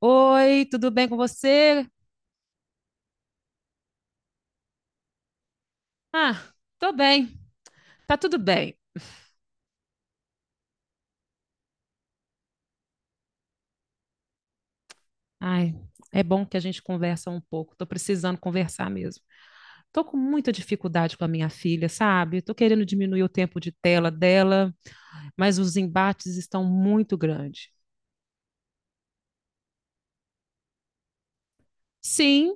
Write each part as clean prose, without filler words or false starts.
Oi, tudo bem com você? Ah, tô bem, tá tudo bem. Ai, é bom que a gente conversa um pouco, tô precisando conversar mesmo. Tô com muita dificuldade com a minha filha, sabe? Tô querendo diminuir o tempo de tela dela, mas os embates estão muito grandes. Sim,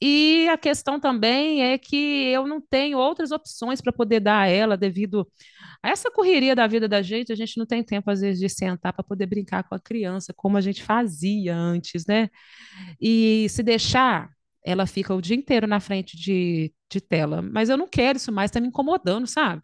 e a questão também é que eu não tenho outras opções para poder dar a ela devido a essa correria da vida da gente, a gente não tem tempo às vezes de sentar para poder brincar com a criança, como a gente fazia antes, né? E se deixar, ela fica o dia inteiro na frente de tela. Mas eu não quero isso mais, tá me incomodando, sabe?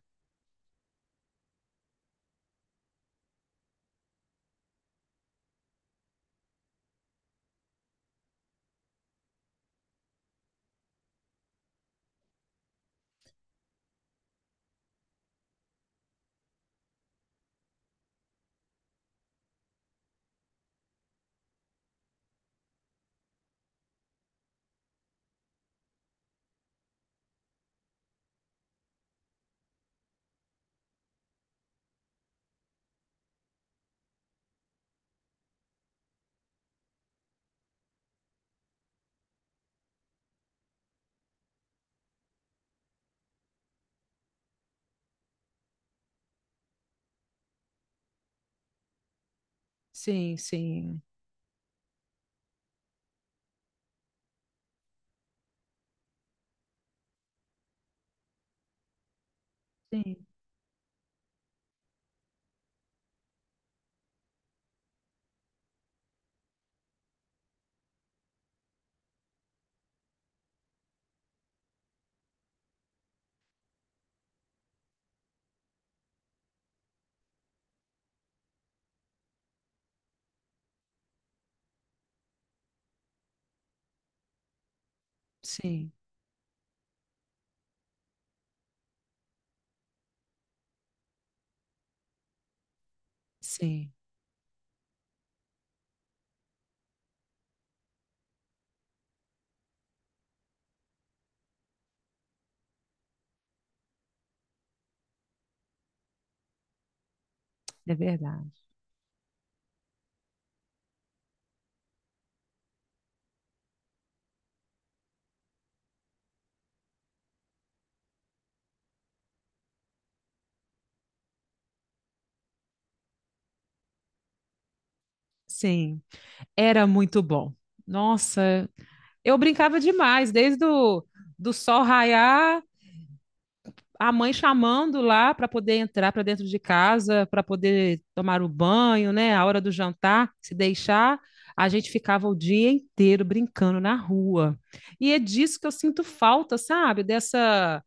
Sim, sim, sim, sim, sim. É verdade. Sim, era muito bom. Nossa, eu brincava demais, desde o do sol raiar, a mãe chamando lá para poder entrar para dentro de casa, para poder tomar o banho, né? A hora do jantar, se deixar, a gente ficava o dia inteiro brincando na rua. E é disso que eu sinto falta, sabe? Dessa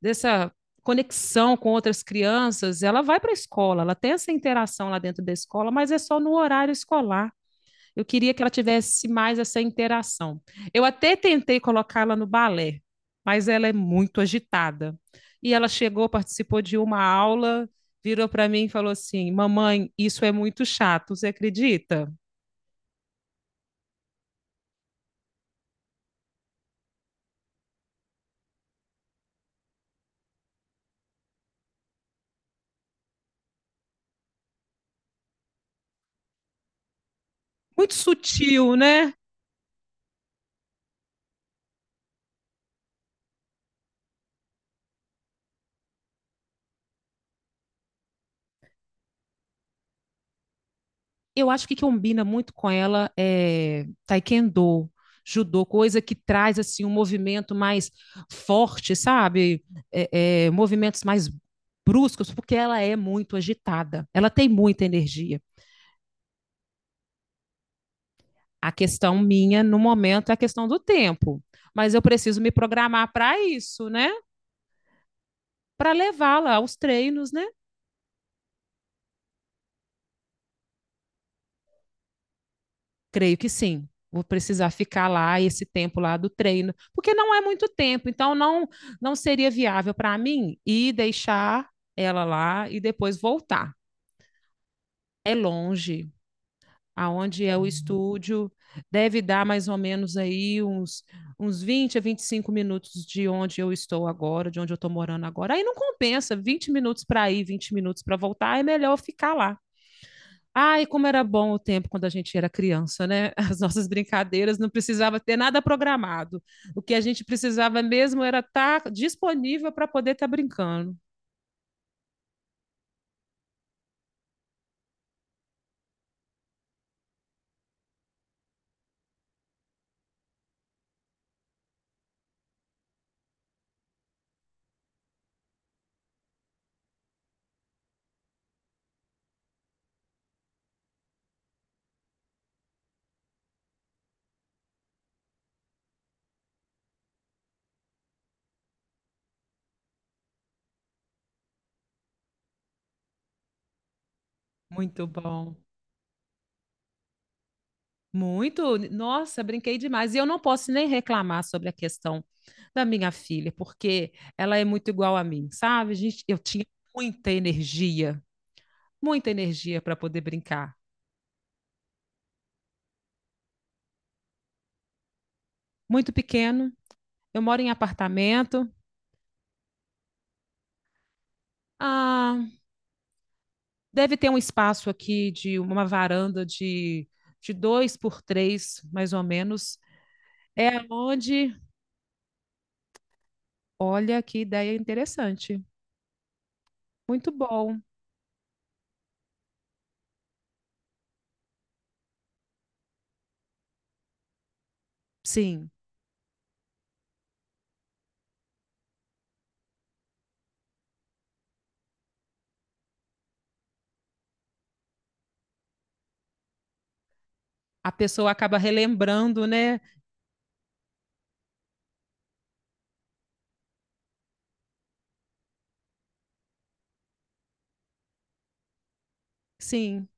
dessa conexão com outras crianças. Ela vai para a escola, ela tem essa interação lá dentro da escola, mas é só no horário escolar. Eu queria que ela tivesse mais essa interação. Eu até tentei colocá-la no balé, mas ela é muito agitada. E ela chegou, participou de uma aula, virou para mim e falou assim: "Mamãe, isso é muito chato, você acredita?" Muito sutil, né? Eu acho que combina muito com ela é taekwondo, judô, coisa que traz assim um movimento mais forte, sabe? Movimentos mais bruscos, porque ela é muito agitada, ela tem muita energia. A questão minha no momento é a questão do tempo, mas eu preciso me programar para isso, né? Para levá-la aos treinos, né? Creio que sim. Vou precisar ficar lá esse tempo lá do treino, porque não é muito tempo, então não seria viável para mim ir deixar ela lá e depois voltar. É longe, aonde é o estúdio, deve dar mais ou menos aí uns 20 a 25 minutos de onde eu estou agora, de onde eu estou morando agora. Aí não compensa, 20 minutos para ir, 20 minutos para voltar, é melhor ficar lá. Ai, como era bom o tempo quando a gente era criança, né? As nossas brincadeiras não precisava ter nada programado. O que a gente precisava mesmo era estar disponível para poder estar brincando. Muito bom. Muito. Nossa, brinquei demais. E eu não posso nem reclamar sobre a questão da minha filha, porque ela é muito igual a mim, sabe? A gente, eu tinha muita energia, muita energia para poder brincar. Muito pequeno, eu moro em apartamento. Ah, deve ter um espaço aqui de uma varanda de dois por três, mais ou menos. É onde, olha que ideia interessante. Muito bom. Sim, a pessoa acaba relembrando, né? Sim,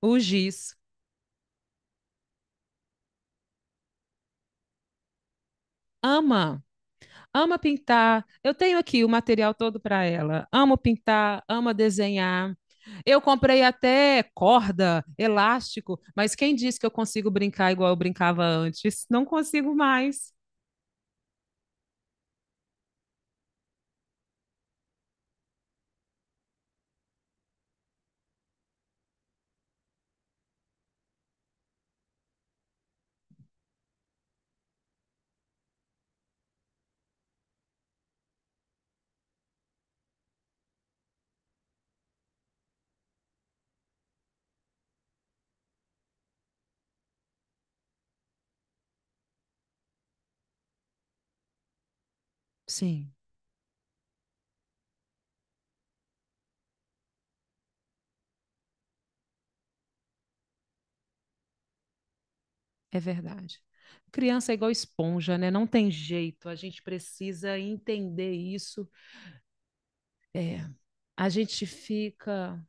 o giz. Ama, ama pintar. Eu tenho aqui o material todo para ela. Amo pintar, ama desenhar. Eu comprei até corda, elástico, mas quem disse que eu consigo brincar igual eu brincava antes? Não consigo mais. Sim. É verdade. Criança é igual esponja, né? Não tem jeito. A gente precisa entender isso. É, a gente fica.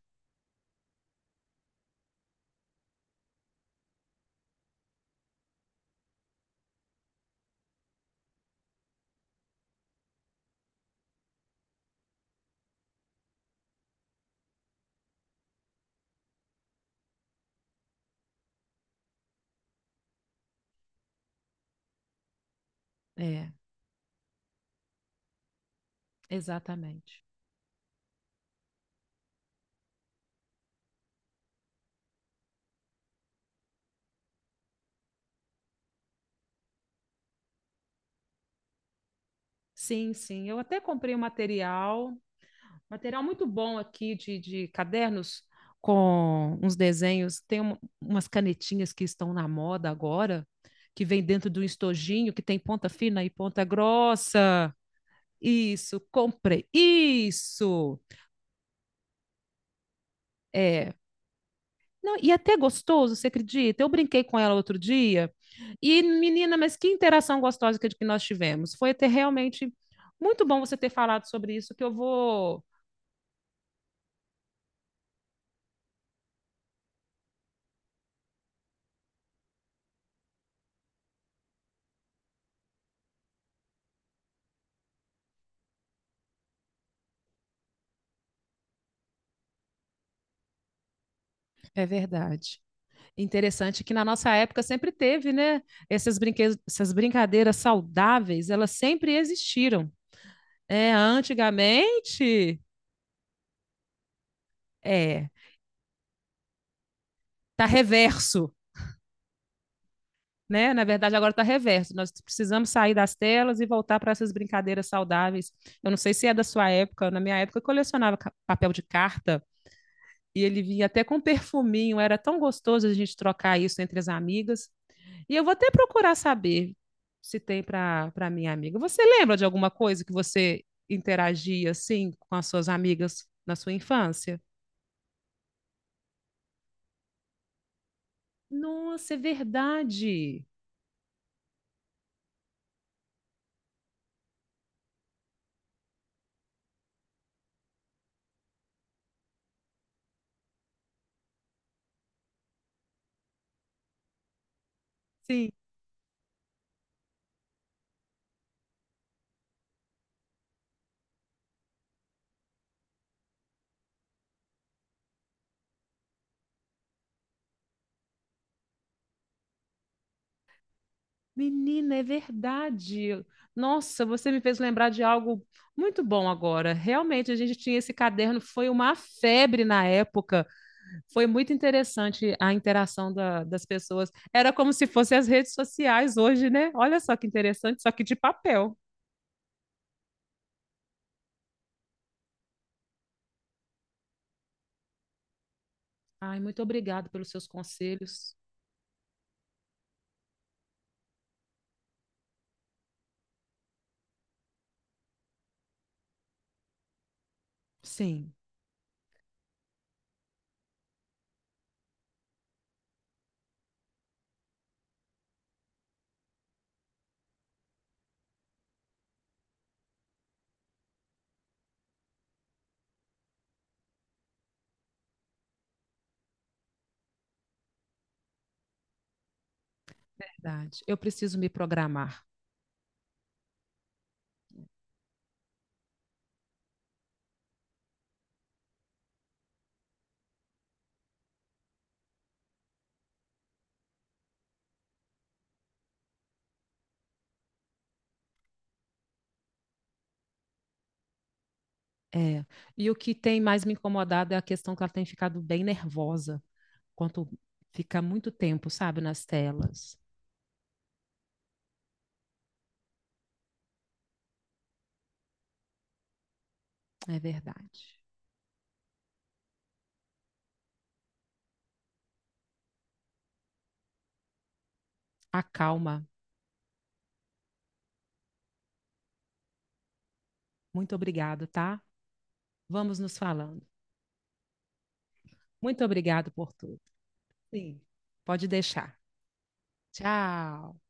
É, exatamente. Sim, sim. Eu até comprei um material, material muito bom aqui de cadernos com uns desenhos. Tem umas canetinhas que estão na moda agora, que vem dentro de um estojinho que tem ponta fina e ponta grossa. Isso, comprei. Isso! É. Não, e é até gostoso, você acredita? Eu brinquei com ela outro dia e, menina, mas que interação gostosa que nós tivemos. Foi até realmente muito bom você ter falado sobre isso, que eu vou. É verdade. Interessante que na nossa época sempre teve, né? Essas, brinque... Essas brincadeiras saudáveis, elas sempre existiram. É, antigamente, é, tá reverso. Né? Na verdade, agora está reverso. Nós precisamos sair das telas e voltar para essas brincadeiras saudáveis. Eu não sei se é da sua época, na minha época eu colecionava papel de carta e ele vinha até com um perfuminho, era tão gostoso a gente trocar isso entre as amigas. E eu vou até procurar saber se tem para minha amiga. Você lembra de alguma coisa que você interagia assim com as suas amigas na sua infância? Nossa, é verdade. Sim. Menina, é verdade. Nossa, você me fez lembrar de algo muito bom agora. Realmente, a gente tinha esse caderno, foi uma febre na época. Foi muito interessante a interação das pessoas. Era como se fossem as redes sociais hoje, né? Olha só que interessante, só que de papel. Ai, muito obrigada pelos seus conselhos. Sim, verdade. Eu preciso me programar. É. E o que tem mais me incomodado é a questão que ela tem ficado bem nervosa quando fica muito tempo, sabe, nas telas. É verdade. Acalma. Muito obrigado, tá? Vamos nos falando. Muito obrigado por tudo. Sim. Pode deixar. Tchau.